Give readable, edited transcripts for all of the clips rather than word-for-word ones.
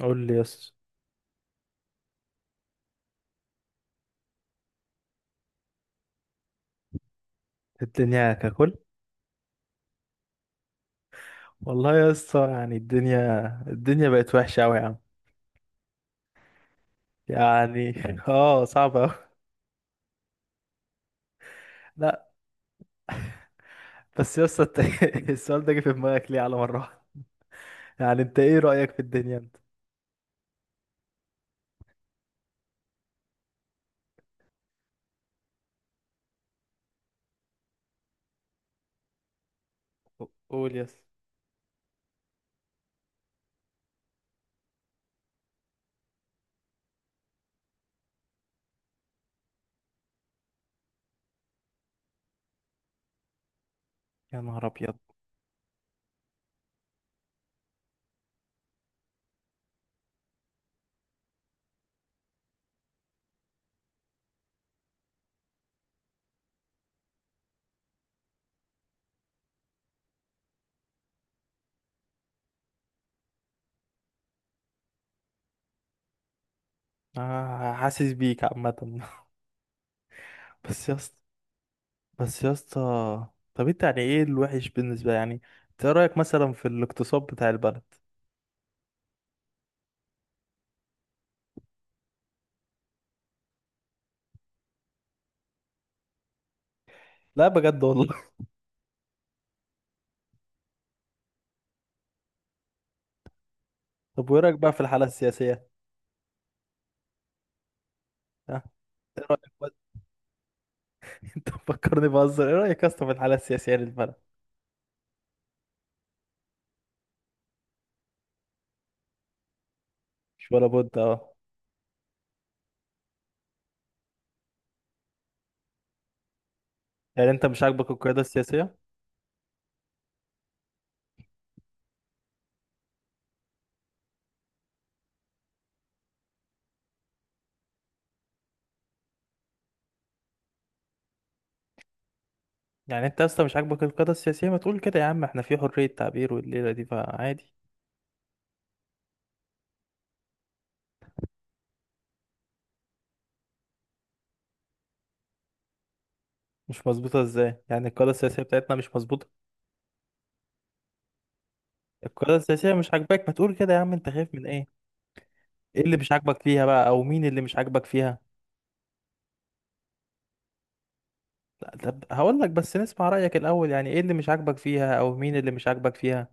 قول لي يا اسطى. الدنيا ككل. والله يا اسطى، يعني الدنيا بقت وحشه قوي يا عم. يعني اه، صعبه قوي. لا، بس يا اسطى انت السؤال ده جه في دماغك ليه على مره واحدة؟ يعني انت ايه رايك في الدنيا انت؟ قول يا اسطى. يا نهار ابيض. آه، حاسس بيك عامه. بس يا اسطى بس يا اسطى، طب انت يعني ايه الوحش بالنسبه يعني؟ انت ايه رايك مثلا في الاقتصاد بتاع البلد؟ لا، بجد والله. طب وايه رايك بقى في الحاله السياسيه؟ ها؟ ايه رايك؟ انت مفكرني بهزر، ايه رأيك اصلا في الحالة السياسية للبلد؟ مش ولا بد اه. يعني انت مش عاجبك القيادة السياسية؟ يعني انت اصلا مش عاجبك القيادة السياسية، ما تقول كده يا عم، احنا في حرية تعبير والليلة دي فعادي. مش مظبوطة ازاي؟ يعني القيادة السياسية بتاعتنا مش مظبوطة؟ القيادة السياسية مش عاجباك، ما تقول كده يا عم، انت خايف من ايه؟ ايه اللي مش عاجبك فيها بقى، او مين اللي مش عاجبك فيها؟ لا، طب هقول لك، بس نسمع رأيك الاول، يعني ايه اللي مش عاجبك فيها او مين اللي مش عاجبك فيها؟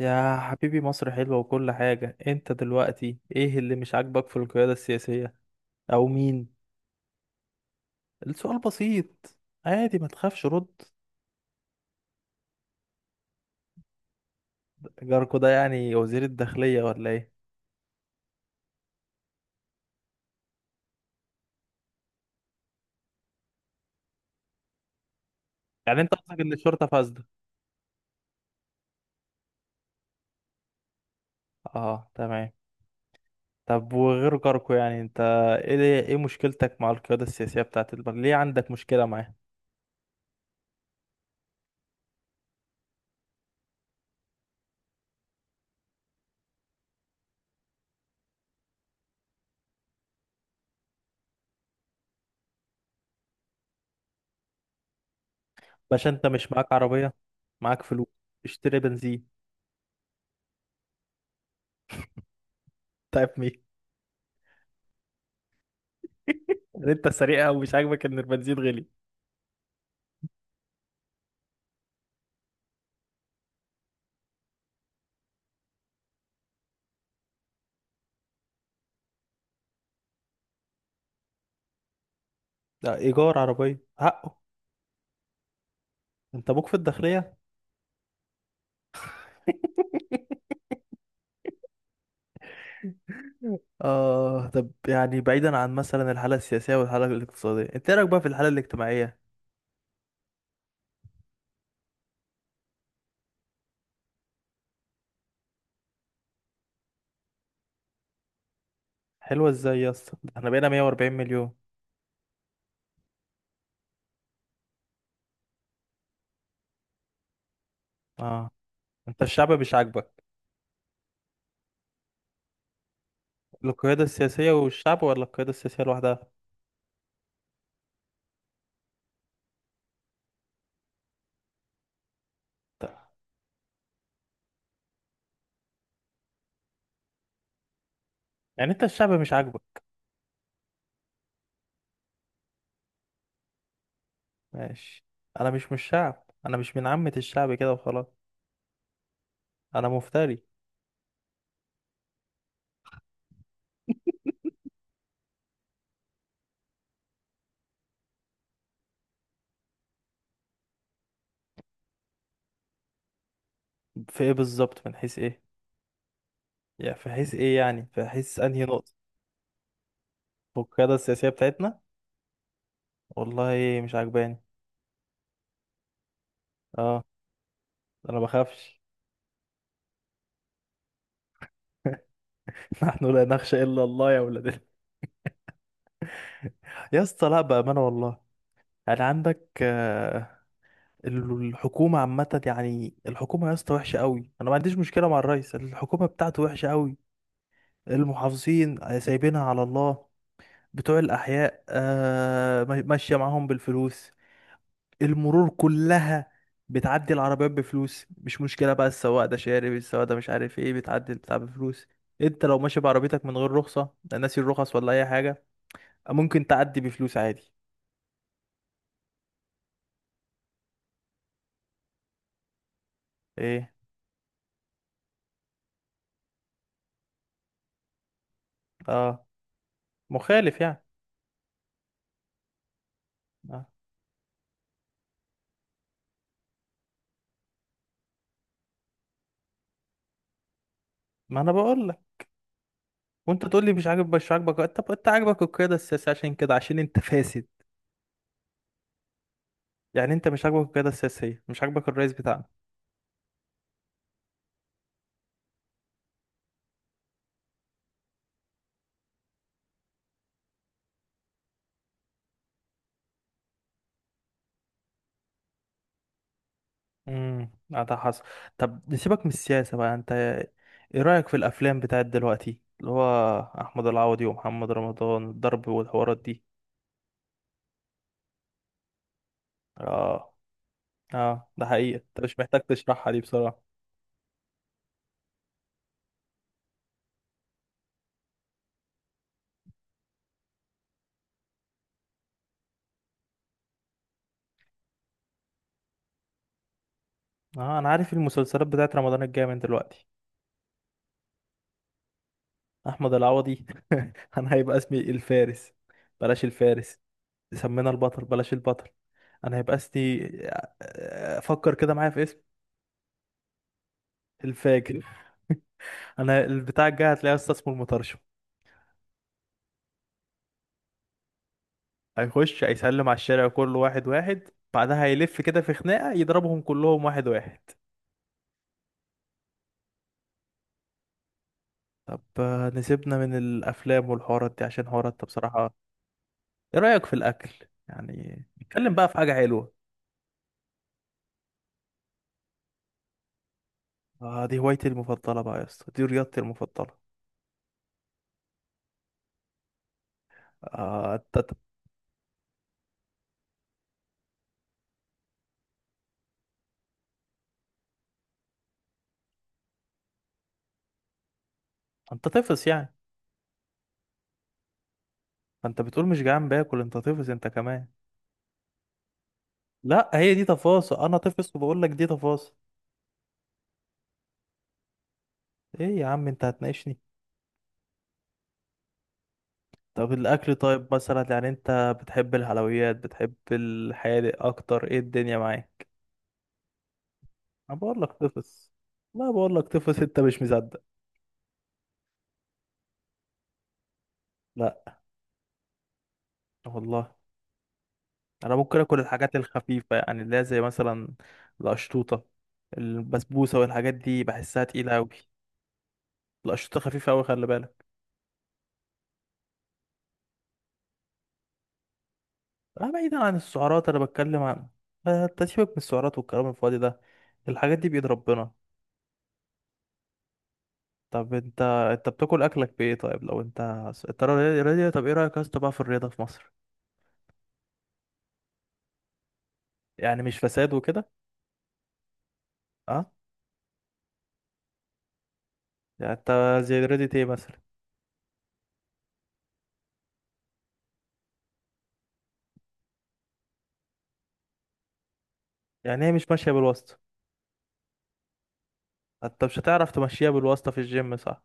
يا حبيبي، مصر حلوة وكل حاجة، انت دلوقتي ايه اللي مش عاجبك في القيادة السياسية؟ او مين؟ السؤال بسيط. عادي، ما تخافش رد. جاركو ده يعني وزير الداخلية ولا ايه؟ يعني انت قصدك ان الشرطة فاسدة؟ اه، تمام. طب وغير جاركو، يعني انت ايه مشكلتك مع القيادة السياسية بتاعت البلد؟ ليه عندك مشكلة معاه؟ باشا انت مش معاك عربية؟ معاك فلوس، اشتري بنزين. طيب مين؟ يعني انت سريع أوي، مش عاجبك ان البنزين غلي؟ ده ايجار عربية حقه. انت ابوك في الداخلية. آه، طب يعني بعيدا عن مثلا الحالة السياسية والحالة الاقتصادية، انت إيه رأيك بقى في الحالة الاجتماعية؟ حلوة ازاي يا اسطى؟ ده احنا بقينا 140 مليون. اه، انت الشعب مش عاجبك؟ القيادة السياسية والشعب، ولا القيادة السياسية لوحدها؟ طب، يعني انت الشعب مش عاجبك؟ ماشي. انا مش من الشعب، انا مش من عامة الشعب كده وخلاص. انا مفتري. في ايه بالظبط؟ من حيث ايه؟ يعني في حيث ايه، يعني في حيث انهي نقطة؟ والقيادة السياسية بتاعتنا؟ والله مش عاجباني. اه. انا بخافش. نحن لا نخشى إلا الله يا ولاد. يا اسطى، لا بأمانة والله. يعني عندك الحكومة عامة، يعني الحكومة يا اسطى وحشة قوي، أنا ما عنديش مشكلة مع الرئيس، الحكومة بتاعته وحشة قوي. المحافظين سايبينها على الله. بتوع الأحياء ماشية معاهم بالفلوس. المرور كلها بتعدي العربيات بفلوس، مش مشكلة بقى، السواق ده شارب، السواق ده مش عارف ايه، بتعدي البتاع بفلوس. انت لو ماشي بعربيتك من غير رخصة، لا ناسي الرخص ولا أي حاجة، ممكن تعدي بفلوس عادي. ايه؟ اه، مخالف يعني؟ آه. ما انا بقول لك. وانت تقول لي مش عاجبك، طب انت عاجبك القياده السياسيه عشان كده، عشان انت فاسد؟ يعني انت مش عاجبك القياده السياسيه؟ مش عاجبك الرئيس بتاعنا؟ ده حصل. طب نسيبك من السياسه بقى، انت ايه رايك في الافلام بتاعت دلوقتي، اللي هو احمد العوضي ومحمد رمضان، الضرب والحوارات دي؟ اه. اه، ده حقيقه، انت مش محتاج تشرحها دي بصراحه. اه، انا عارف المسلسلات بتاعت رمضان الجايه من دلوقتي. احمد العوضي. انا هيبقى اسمي الفارس. بلاش الفارس، سمينا البطل. بلاش البطل، انا هيبقى اسمي فكر كده معايا في اسم. الفاجر. انا البتاع الجاي هتلاقيه اصلا اسمه المطرشم. هيخش هيسلم على الشارع كله واحد واحد. بعدها هيلف كده في خناقة يضربهم كلهم واحد واحد. طب نسيبنا من الافلام والحوارات دي، عشان حوارات ده بصراحة. ايه رأيك في الاكل، يعني نتكلم بقى في حاجة حلوة. آه، دي هوايتي المفضلة بقى يا اسطى، دي رياضتي المفضلة. آه، انت طفس يعني. انت بتقول مش جعان باكل، انت طفس انت كمان. لا، هي دي تفاصيل. انا طفس وبقول لك دي تفاصيل. ايه يا عم، انت هتناقشني؟ طب الاكل، طيب مثلا يعني انت بتحب الحلويات، بتحب الحادق اكتر، ايه الدنيا معاك؟ انا بقول لك طفس. لا، بقول لك طفس انت مش مصدق. لا. والله. انا ممكن اكل الحاجات الخفيفه، يعني اللي هي زي مثلا القشطوطه، البسبوسه، والحاجات دي بحسها تقيله قوي. القشطوطه خفيفه قوي، خلي بالك. اه، بعيدا عن السعرات، انا بتكلم عن انت سيبك من السعرات والكلام الفاضي ده. الحاجات دي بإيد ربنا. طب انت بتاكل اكلك بايه؟ طيب لو انت، انت رياضي رياضي، طب ايه رأيك يا اسطى بقى في الرياضة في مصر؟ يعني مش فساد وكده؟ اه. يعني انت زي رياضة ايه مثلا؟ يعني هي مش ماشية بالواسطة؟ انت مش هتعرف تمشيها بالواسطة في الجيم، صح؟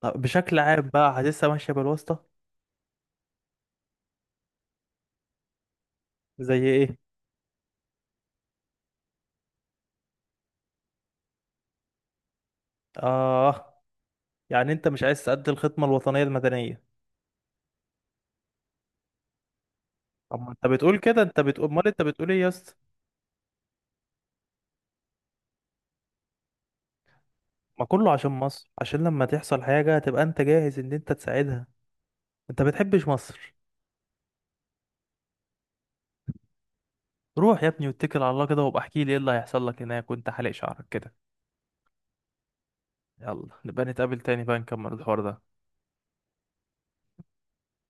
طب بشكل عام بقى، حاسسها ماشية بالواسطة؟ زي ايه؟ اه. يعني انت مش عايز تأدي الخدمة الوطنية المدنية؟ طب ما انت بتقول كده، انت بتقول امال، انت بتقول ايه يا اسطى؟ ما كله عشان مصر، عشان لما تحصل حاجة تبقى انت جاهز ان انت تساعدها. انت بتحبش مصر؟ روح يا ابني واتكل على الله كده، وابقى احكي لي ايه اللي هيحصل لك هناك وانت حالق شعرك كده. يلا نبقى نتقابل تاني بقى نكمل الحوار ده.